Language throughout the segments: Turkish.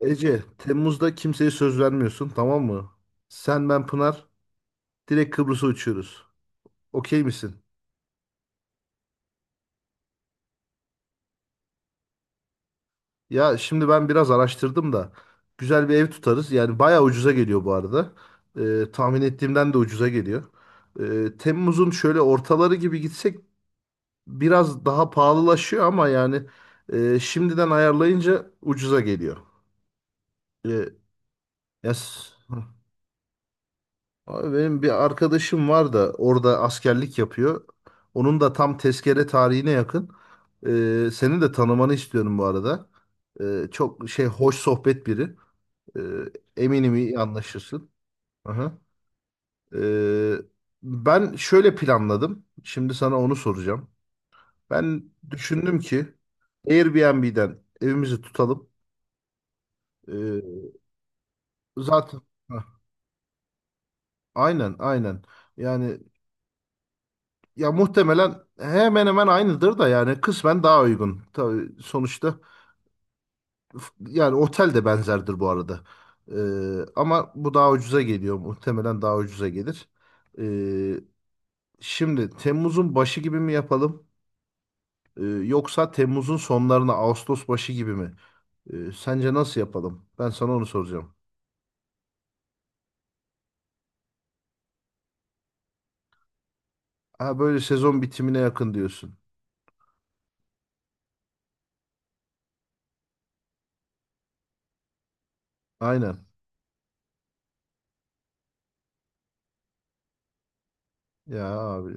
Ece, Temmuz'da kimseye söz vermiyorsun, tamam mı? Sen, ben, Pınar direkt Kıbrıs'a uçuyoruz. Okey misin? Ya şimdi ben biraz araştırdım da güzel bir ev tutarız. Yani bayağı ucuza geliyor bu arada. Tahmin ettiğimden de ucuza geliyor. Temmuz'un şöyle ortaları gibi gitsek biraz daha pahalılaşıyor ama yani şimdiden ayarlayınca ucuza geliyor. Ee, yes. Abi benim bir arkadaşım var da orada askerlik yapıyor. Onun da tam tezkere tarihine yakın. Seni de tanımanı istiyorum bu arada. Çok şey, hoş sohbet biri. Ee, Eminim iyi anlaşırsın. Aha. Ee, Ben şöyle planladım. Şimdi sana onu soracağım. Ben düşündüm ki Airbnb'den evimizi tutalım. Ee, zaten Hah, aynen aynen. Yani ya muhtemelen hemen hemen aynıdır da yani kısmen daha uygun. Tabii sonuçta yani otel de benzerdir bu arada. Ama bu daha ucuza geliyor. Muhtemelen daha ucuza gelir. Ee, Şimdi Temmuz'un başı gibi mi yapalım? Yoksa Temmuz'un sonlarına Ağustos başı gibi mi? Sence nasıl yapalım? Ben sana onu soracağım. Ha, böyle sezon bitimine yakın diyorsun. Aynen. Ya abi.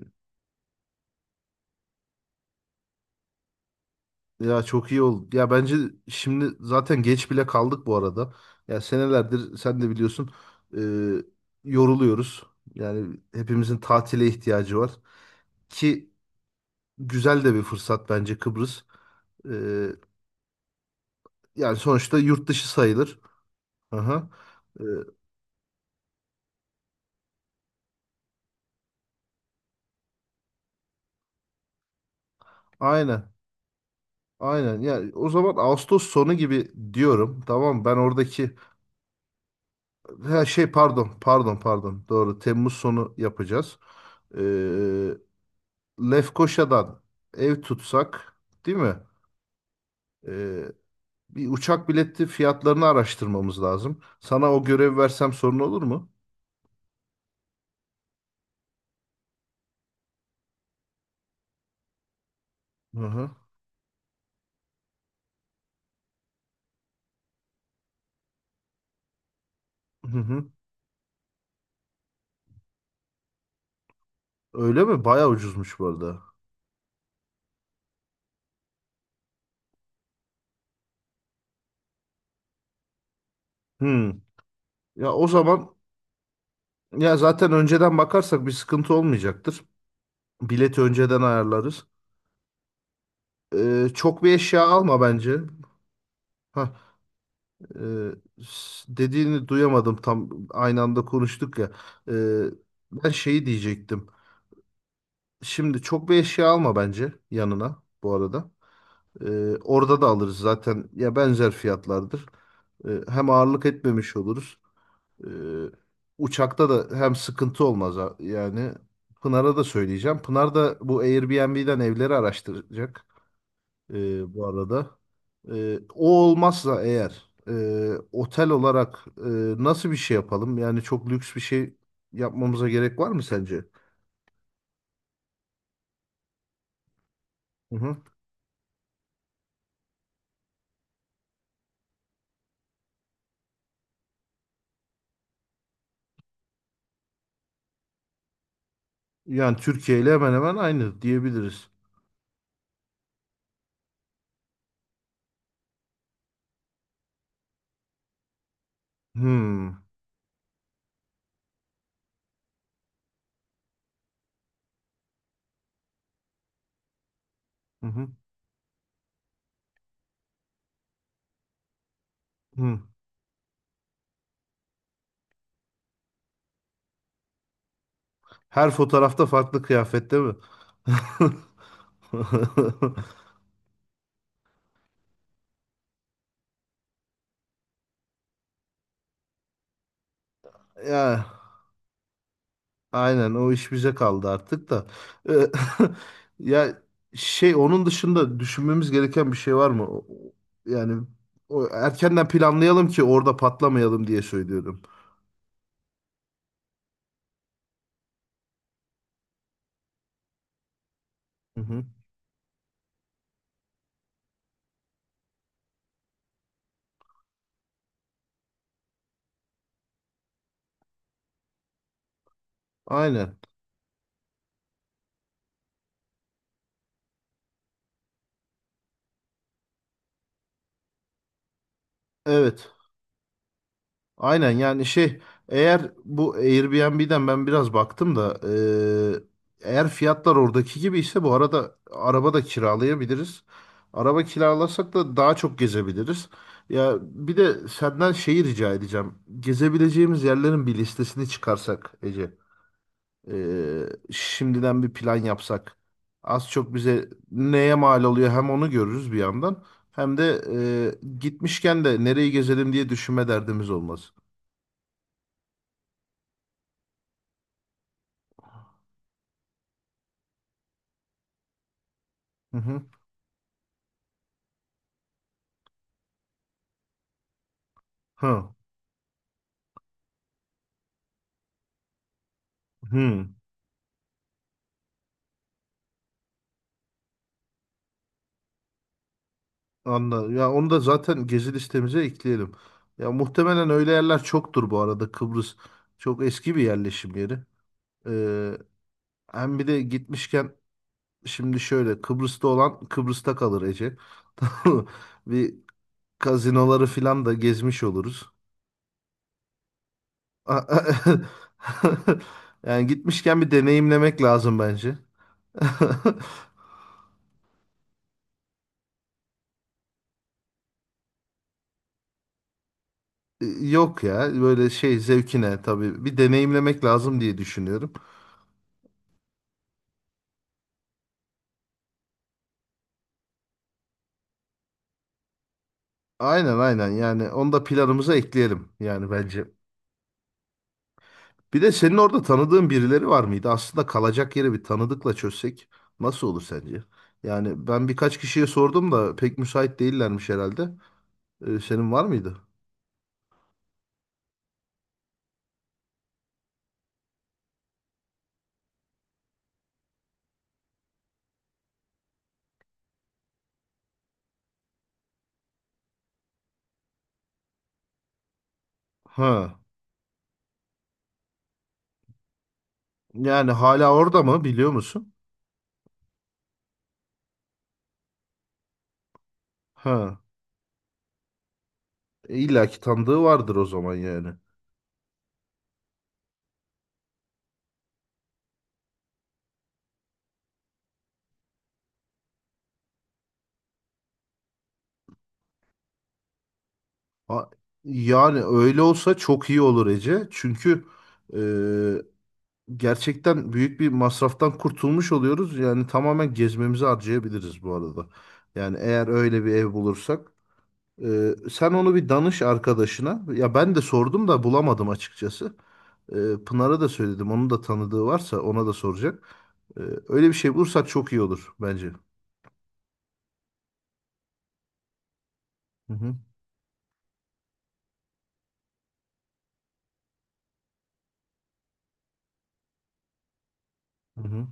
Ya çok iyi oldu. Ya bence şimdi zaten geç bile kaldık bu arada. Ya senelerdir sen de biliyorsun, e, yoruluyoruz. Yani hepimizin tatile ihtiyacı var. Ki güzel de bir fırsat bence Kıbrıs. E, Yani sonuçta yurt dışı sayılır. Aha. E, aynen. Aynen. Ya o zaman Ağustos sonu gibi diyorum. Tamam, ben oradaki ha, şey, pardon pardon pardon, doğru Temmuz sonu yapacağız. E, Lefkoşa'dan ev tutsak, değil mi? Ee, Bir uçak bileti fiyatlarını araştırmamız lazım. Sana o görev versem sorun olur mu? Hı hı. Hı hı. Öyle mi? Bayağı ucuzmuş bu arada. Hmm. Ya o zaman ya zaten önceden bakarsak bir sıkıntı olmayacaktır. Bileti önceden ayarlarız. Çok bir eşya alma bence. Hah, e, dediğini duyamadım, tam aynı anda konuştuk ya. Ee, Ben şeyi diyecektim. Şimdi çok bir eşya alma bence yanına bu arada. Orada da alırız zaten ya, benzer fiyatlardır. Hem ağırlık etmemiş oluruz. Ee, Uçakta da hem sıkıntı olmaz ha- yani. Pınar'a da söyleyeceğim. Pınar da bu Airbnb'den evleri araştıracak bu arada. O olmazsa eğer otel olarak nasıl bir şey yapalım? Yani çok lüks bir şey yapmamıza gerek var mı sence? Hı hı. Yani Türkiye ile hemen hemen aynı diyebiliriz. Hmm. Hı hı. Hı. Her fotoğrafta farklı kıyafette mi? Ya aynen o iş bize kaldı artık da. Ee, Ya şey, onun dışında düşünmemiz gereken bir şey var mı? Yani o, erkenden planlayalım ki orada patlamayalım diye söylüyorum. Hı hı. Aynen. Evet. Aynen yani şey, eğer bu Airbnb'den ben biraz baktım da eğer fiyatlar oradaki gibi ise bu arada araba da kiralayabiliriz. Araba kiralasak da daha çok gezebiliriz. Ya bir de senden şeyi rica edeceğim. Gezebileceğimiz yerlerin bir listesini çıkarsak Ece. e, Şimdiden bir plan yapsak. Az çok bize neye mal oluyor hem onu görürüz bir yandan. Hem de gitmişken de nereyi gezelim diye düşünme derdimiz olmaz. Hı hı. Ha, hı, anladım. Ya onu da zaten gezi listemize ekleyelim. Ya muhtemelen öyle yerler çoktur bu arada. Kıbrıs çok eski bir yerleşim yeri. Ee, Hem bir de gitmişken, şimdi şöyle, Kıbrıs'ta olan Kıbrıs'ta kalır Ece. Tamam mı? Bir kazinoları filan da gezmiş oluruz. Yani gitmişken bir deneyimlemek lazım bence. Yok ya böyle şey zevkine tabii bir deneyimlemek lazım diye düşünüyorum. Aynen aynen, yani onu da planımıza ekleyelim yani bence. Bir de senin orada tanıdığın birileri var mıydı? Aslında kalacak yeri bir tanıdıkla çözsek nasıl olur sence? Yani ben birkaç kişiye sordum da pek müsait değillermiş herhalde. Senin var mıydı? Ha. Yani hala orada mı biliyor musun? Ha. E, İlla ki tanıdığı vardır o zaman yani. Ha, yani öyle olsa çok iyi olur Ece. Çünkü e, gerçekten büyük bir masraftan kurtulmuş oluyoruz. Yani tamamen gezmemizi harcayabiliriz bu arada. Yani eğer öyle bir ev bulursak. Sen onu bir danış arkadaşına. Ya ben de sordum da bulamadım açıkçası. Pınar'a da söyledim. Onun da tanıdığı varsa ona da soracak. Ee, Öyle bir şey bulursak çok iyi olur bence. Hı hı, hı hı.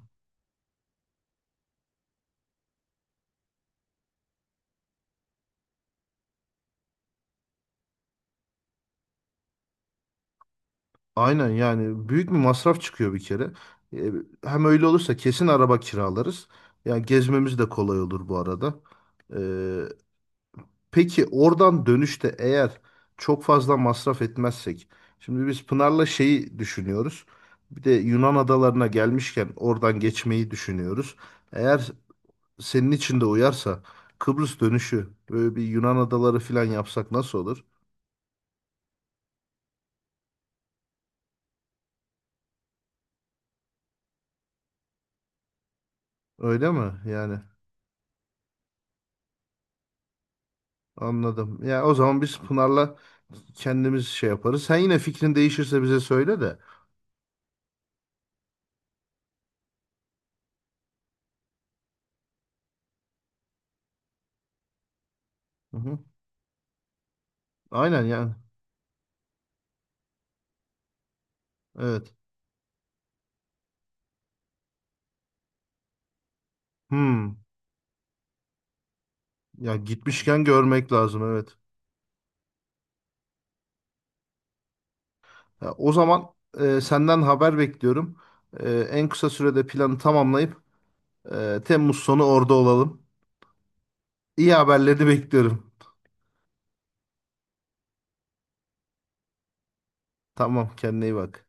Aynen yani büyük bir masraf çıkıyor bir kere. Ee, Hem öyle olursa kesin araba kiralarız. Yani gezmemiz de kolay olur bu arada. Ee, Peki oradan dönüşte eğer çok fazla masraf etmezsek, şimdi biz Pınar'la şeyi düşünüyoruz. Bir de Yunan adalarına gelmişken oradan geçmeyi düşünüyoruz. Eğer senin için de uyarsa Kıbrıs dönüşü böyle bir Yunan adaları falan yapsak nasıl olur? Öyle mi? Yani anladım. Ya o zaman biz Pınar'la kendimiz şey yaparız. Sen yine fikrin değişirse bize söyle de. Hı hı. Aynen yani. Evet. Hmm. Ya gitmişken görmek lazım, evet. Ya, o zaman senden haber bekliyorum. En kısa sürede planı tamamlayıp Temmuz sonu orada olalım. İyi haberleri bekliyorum. Tamam, kendine iyi bak.